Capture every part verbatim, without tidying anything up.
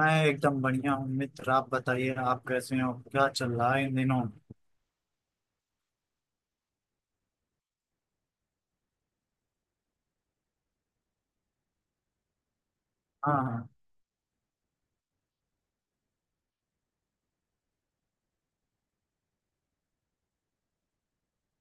मैं एकदम बढ़िया हूँ मित्र, आप बताइए आप कैसे हो, क्या चल रहा है इन दिनों। हाँ, हाँ।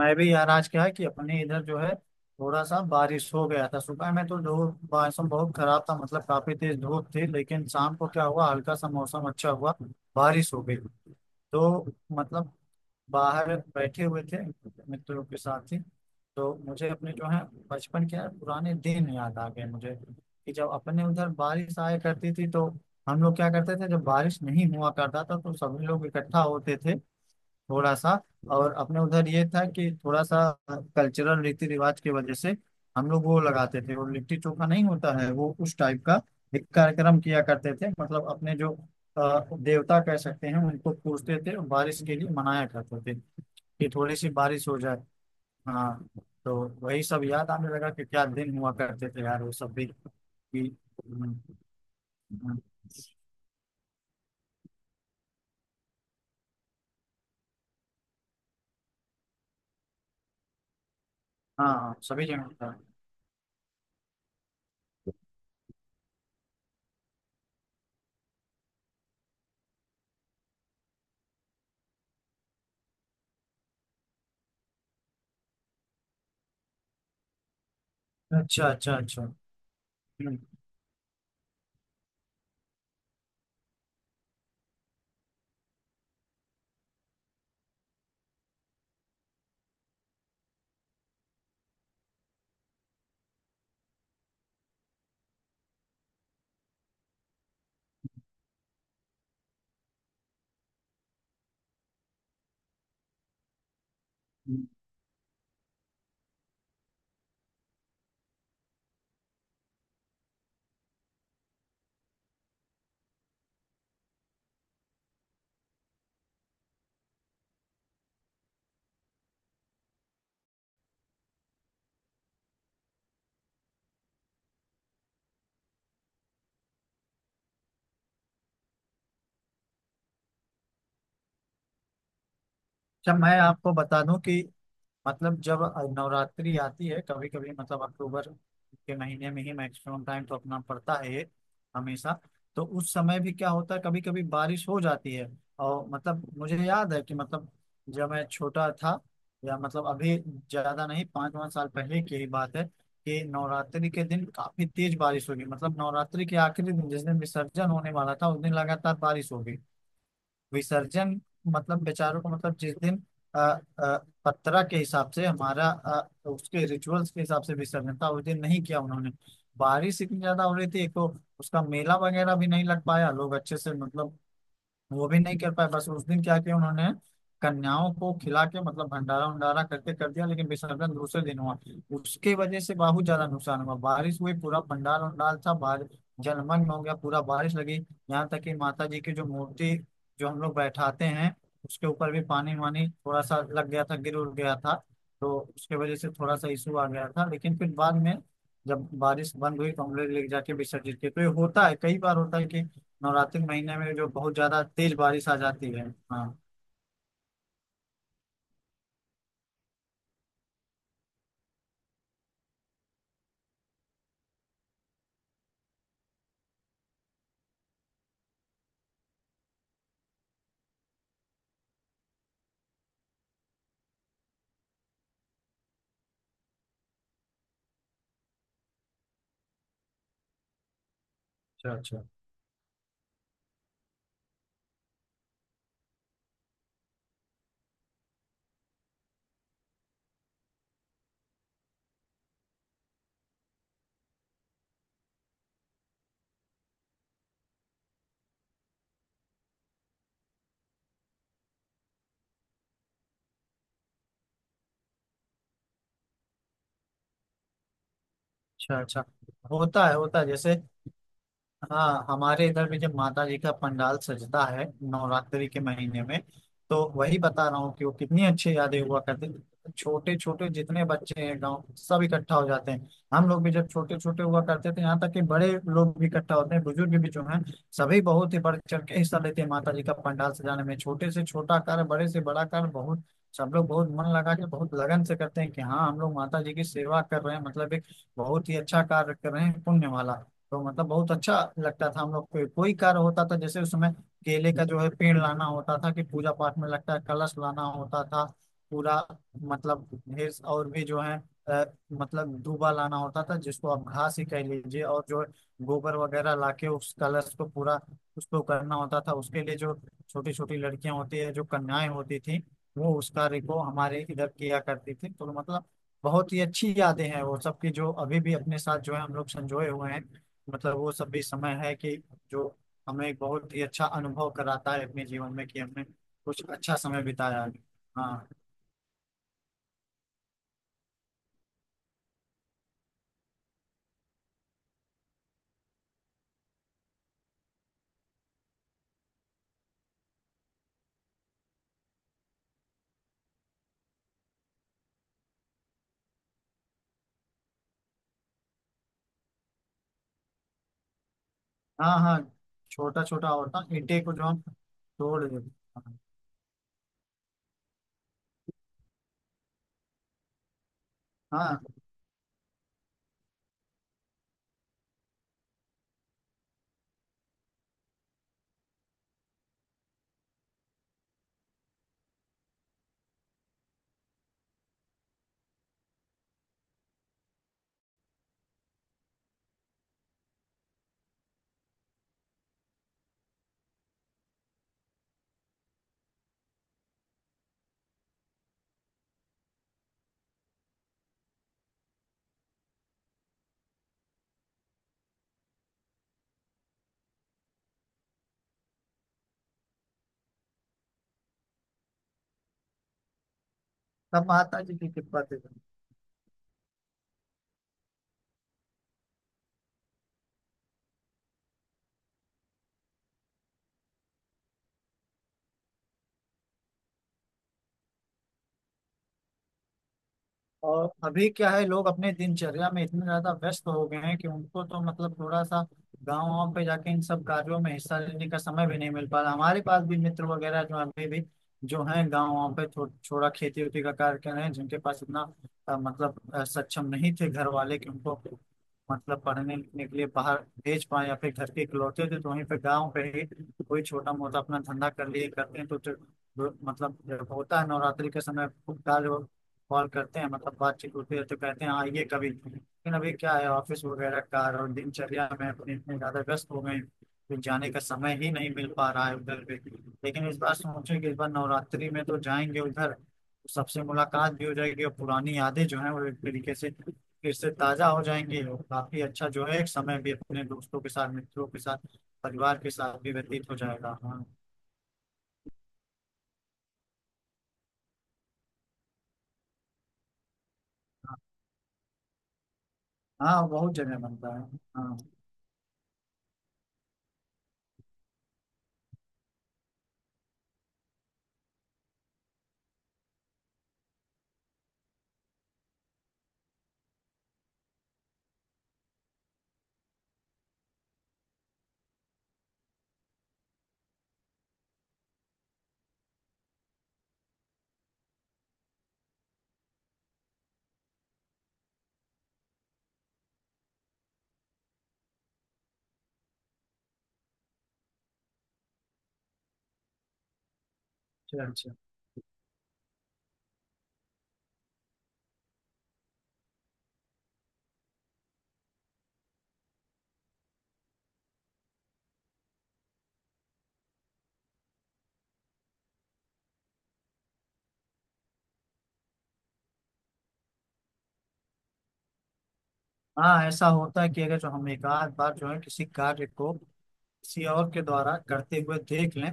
मैं भी यार आज क्या है कि अपने इधर जो है थोड़ा सा बारिश हो गया था, सुबह में तो धूप मौसम बहुत खराब था, मतलब काफी तेज धूप थी, लेकिन शाम को क्या हुआ हल्का सा मौसम अच्छा हुआ, बारिश हो गई। तो मतलब बाहर बैठे हुए थे मित्रों के साथ ही, तो मुझे अपने जो है बचपन के पुराने दिन याद आ गए मुझे। कि जब अपने उधर बारिश आया करती थी तो हम लोग क्या करते थे, जब बारिश नहीं हुआ करता था तो सभी लोग इकट्ठा होते थे थोड़ा सा। और अपने उधर ये था कि थोड़ा सा कल्चरल रीति रिवाज की वजह से हम लोग वो लगाते थे, वो लिट्टी चोखा नहीं होता है वो उस टाइप का एक कार्यक्रम किया करते थे, मतलब अपने जो अ, देवता कह सकते हैं उनको पूजते थे और बारिश के लिए मनाया करते थे कि थोड़ी सी बारिश हो जाए। हाँ। तो वही सब याद आने लगा कि क्या दिन हुआ करते थे यार, वो सब भी कि। हम्म। हम्म। हाँ, हाँ, सभी जगह होता है। अच्छा, अच्छा, अच्छा। हम्म। हम्म। अच्छा, मैं आपको बता दूं कि मतलब जब नवरात्रि आती है कभी कभी, मतलब अक्टूबर के महीने में ही मैक्सिमम टाइम तो अपना पड़ता है ये, हमेशा। तो उस समय भी क्या होता है कभी कभी बारिश हो जाती है, और मतलब मुझे याद है कि मतलब जब मैं छोटा था, या मतलब अभी ज्यादा नहीं पाँच पाँच साल पहले की ही बात है, कि नवरात्रि के दिन काफी तेज बारिश होगी, मतलब नवरात्रि के आखिरी दिन जिस दिन विसर्जन होने वाला था उस दिन लगातार बारिश होगी। विसर्जन मतलब बेचारों को, मतलब जिस दिन अ, अ, पत्रा के हिसाब से हमारा, अ, उसके रिचुअल्स के हिसाब से विसर्जन था उस दिन नहीं किया उन्होंने। बारिश इतनी ज्यादा हो रही थी, एक तो उसका मेला वगैरह भी नहीं लग पाया, लोग अच्छे से मतलब वो भी नहीं कर पाए, बस उस दिन क्या किया उन्होंने कन्याओं को खिला के मतलब भंडारा उंडारा करके कर दिया, लेकिन विसर्जन दूसरे दिन हुआ। उसके वजह से बहुत ज्यादा नुकसान हुआ, बारिश हुई पूरा पंडाल उंडाल था, बारिश जलमग्न हो गया पूरा, बारिश लगी। यहाँ तक कि माता जी की जो मूर्ति जो हम लोग बैठाते हैं उसके ऊपर भी पानी वानी थोड़ा सा लग गया था, गिर उड़ गया था। तो उसके वजह से थोड़ा सा इशू आ गया था, लेकिन फिर बाद में जब बारिश बंद हुई तो हम लोग ले जाके विसर्जित किए। तो ये होता है, कई बार होता है कि नवरात्रि के महीने में जो बहुत ज्यादा तेज बारिश आ जाती है। हाँ। अच्छा, अच्छा, अच्छा, अच्छा। होता है होता है जैसे। हाँ, हमारे इधर भी जब माता जी का पंडाल सजता है नवरात्रि के महीने में, तो वही बता रहा हूँ कि वो कितनी अच्छी यादें हुआ करती थी। छोटे छोटे जितने बच्चे हैं गांव सब इकट्ठा हो जाते हैं, हम लोग भी जब छोटे छोटे हुआ करते थे, यहाँ तक कि बड़े लोग भी इकट्ठा होते हैं, बुजुर्ग भी जो हैं सभी बहुत ही बढ़ चढ़ के हिस्सा लेते हैं माता जी का पंडाल सजाने में, छोटे से छोटा कार्य बड़े से बड़ा कार्य बहुत, सब लोग बहुत मन लगा के बहुत लगन से करते हैं कि हाँ हम लोग माता जी की सेवा कर रहे हैं, मतलब एक बहुत ही अच्छा कार्य कर रहे हैं, पुण्य वाला। तो मतलब बहुत अच्छा लगता था हम लोग को, कोई कार्य होता था जैसे उसमें केले का जो है पेड़ लाना होता था, कि पूजा पाठ में लगता है कलश लाना होता था पूरा, मतलब ढेर, और भी जो है, अ, मतलब दूबा लाना होता था जिसको आप घास ही कह लीजिए, और जो है गोबर वगैरह लाके उस कलश को पूरा उसको करना होता था। उसके लिए जो छोटी छोटी लड़कियां होती है, जो कन्याएं होती थी वो उस कार्य को हमारे इधर किया करती थी, तो मतलब बहुत ही अच्छी यादें हैं वो सब की, जो अभी भी अपने साथ जो है हम लोग संजोए हुए हैं, मतलब वो सब भी समय है कि जो हमें एक बहुत ही अच्छा अनुभव कराता है अपने जीवन में, कि हमने कुछ अच्छा समय बिताया है। हाँ। हाँ। हाँ। छोटा छोटा होता, ईंटे को जो हम तोड़ देते हैं। हाँ, हाँ, तब माता जी की कृपा थी। और अभी क्या है, लोग अपने दिनचर्या में इतने ज्यादा व्यस्त हो गए हैं कि उनको तो मतलब थोड़ा सा गाँव वाँव पे जाके इन सब कार्यों में हिस्सा लेने का समय भी नहीं मिल पा रहा। हमारे पास भी मित्र वगैरह जो अभी भी जो हैं गाँव वाँव पे थो, थोड़ा खेती वेती का कार्य कर रहे हैं, जिनके पास इतना अ, मतलब अ, सक्षम नहीं थे घर वाले कि उनको मतलब पढ़ने लिखने के लिए बाहर भेज पाए, या फिर घर के इकलौते थे तो वहीं पे गाँव पे ही कोई छोटा मोटा अपना धंधा कर लिए करते हैं, तो, तो तो मतलब होता है नवरात्रि के समय खूब कार्य, कॉल करते हैं मतलब बातचीत होती है तो कहते हैं आइए कभी, लेकिन अभी क्या है ऑफिस वगैरह का और दिनचर्या में अपने इतने ज्यादा व्यस्त हो गए हैं, कि जाने का समय ही नहीं मिल पा रहा है उधर पे। लेकिन इस बार सोचे कि इस बार नवरात्रि में तो जाएंगे उधर, तो सबसे मुलाकात भी हो जाएगी और पुरानी यादें जो है वो एक तरीके से फिर से ताजा हो जाएंगी, और काफी अच्छा जो है एक समय भी अपने दोस्तों के साथ, मित्रों के साथ, परिवार के साथ भी व्यतीत हो जाएगा। हाँ। हाँ, हाँ, बहुत जगह बनता है। हाँ। अच्छा, अच्छा। हाँ, ऐसा होता है कि अगर जो हम एक आध बार जो है किसी कार्य को किसी और के द्वारा करते हुए देख लें,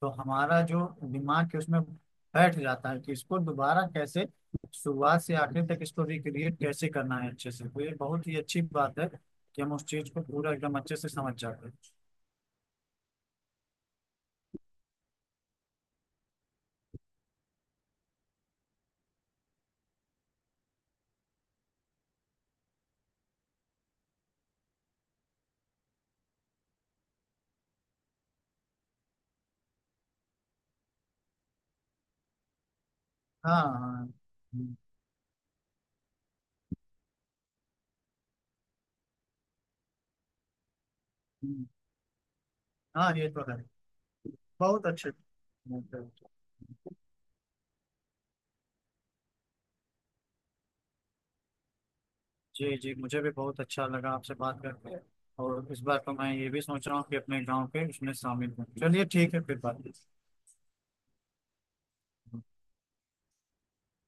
तो हमारा जो दिमाग है उसमें बैठ जाता है कि इसको दोबारा कैसे, शुरुआत से आखिर तक इसको रिक्रिएट कैसे करना है अच्छे से। तो ये बहुत ही अच्छी बात है कि हम उस चीज को पूरा एकदम अच्छे से समझ जाते हैं। हाँ। हाँ। हम्म। हम्म। हाँ, ये तो है। बहुत अच्छे। जी, जी, मुझे भी बहुत अच्छा लगा आपसे बात करके, और इस बार तो मैं ये भी सोच रहा हूँ कि अपने गांव के उसमें शामिल हूँ। चलिए ठीक है, फिर बात करते हैं।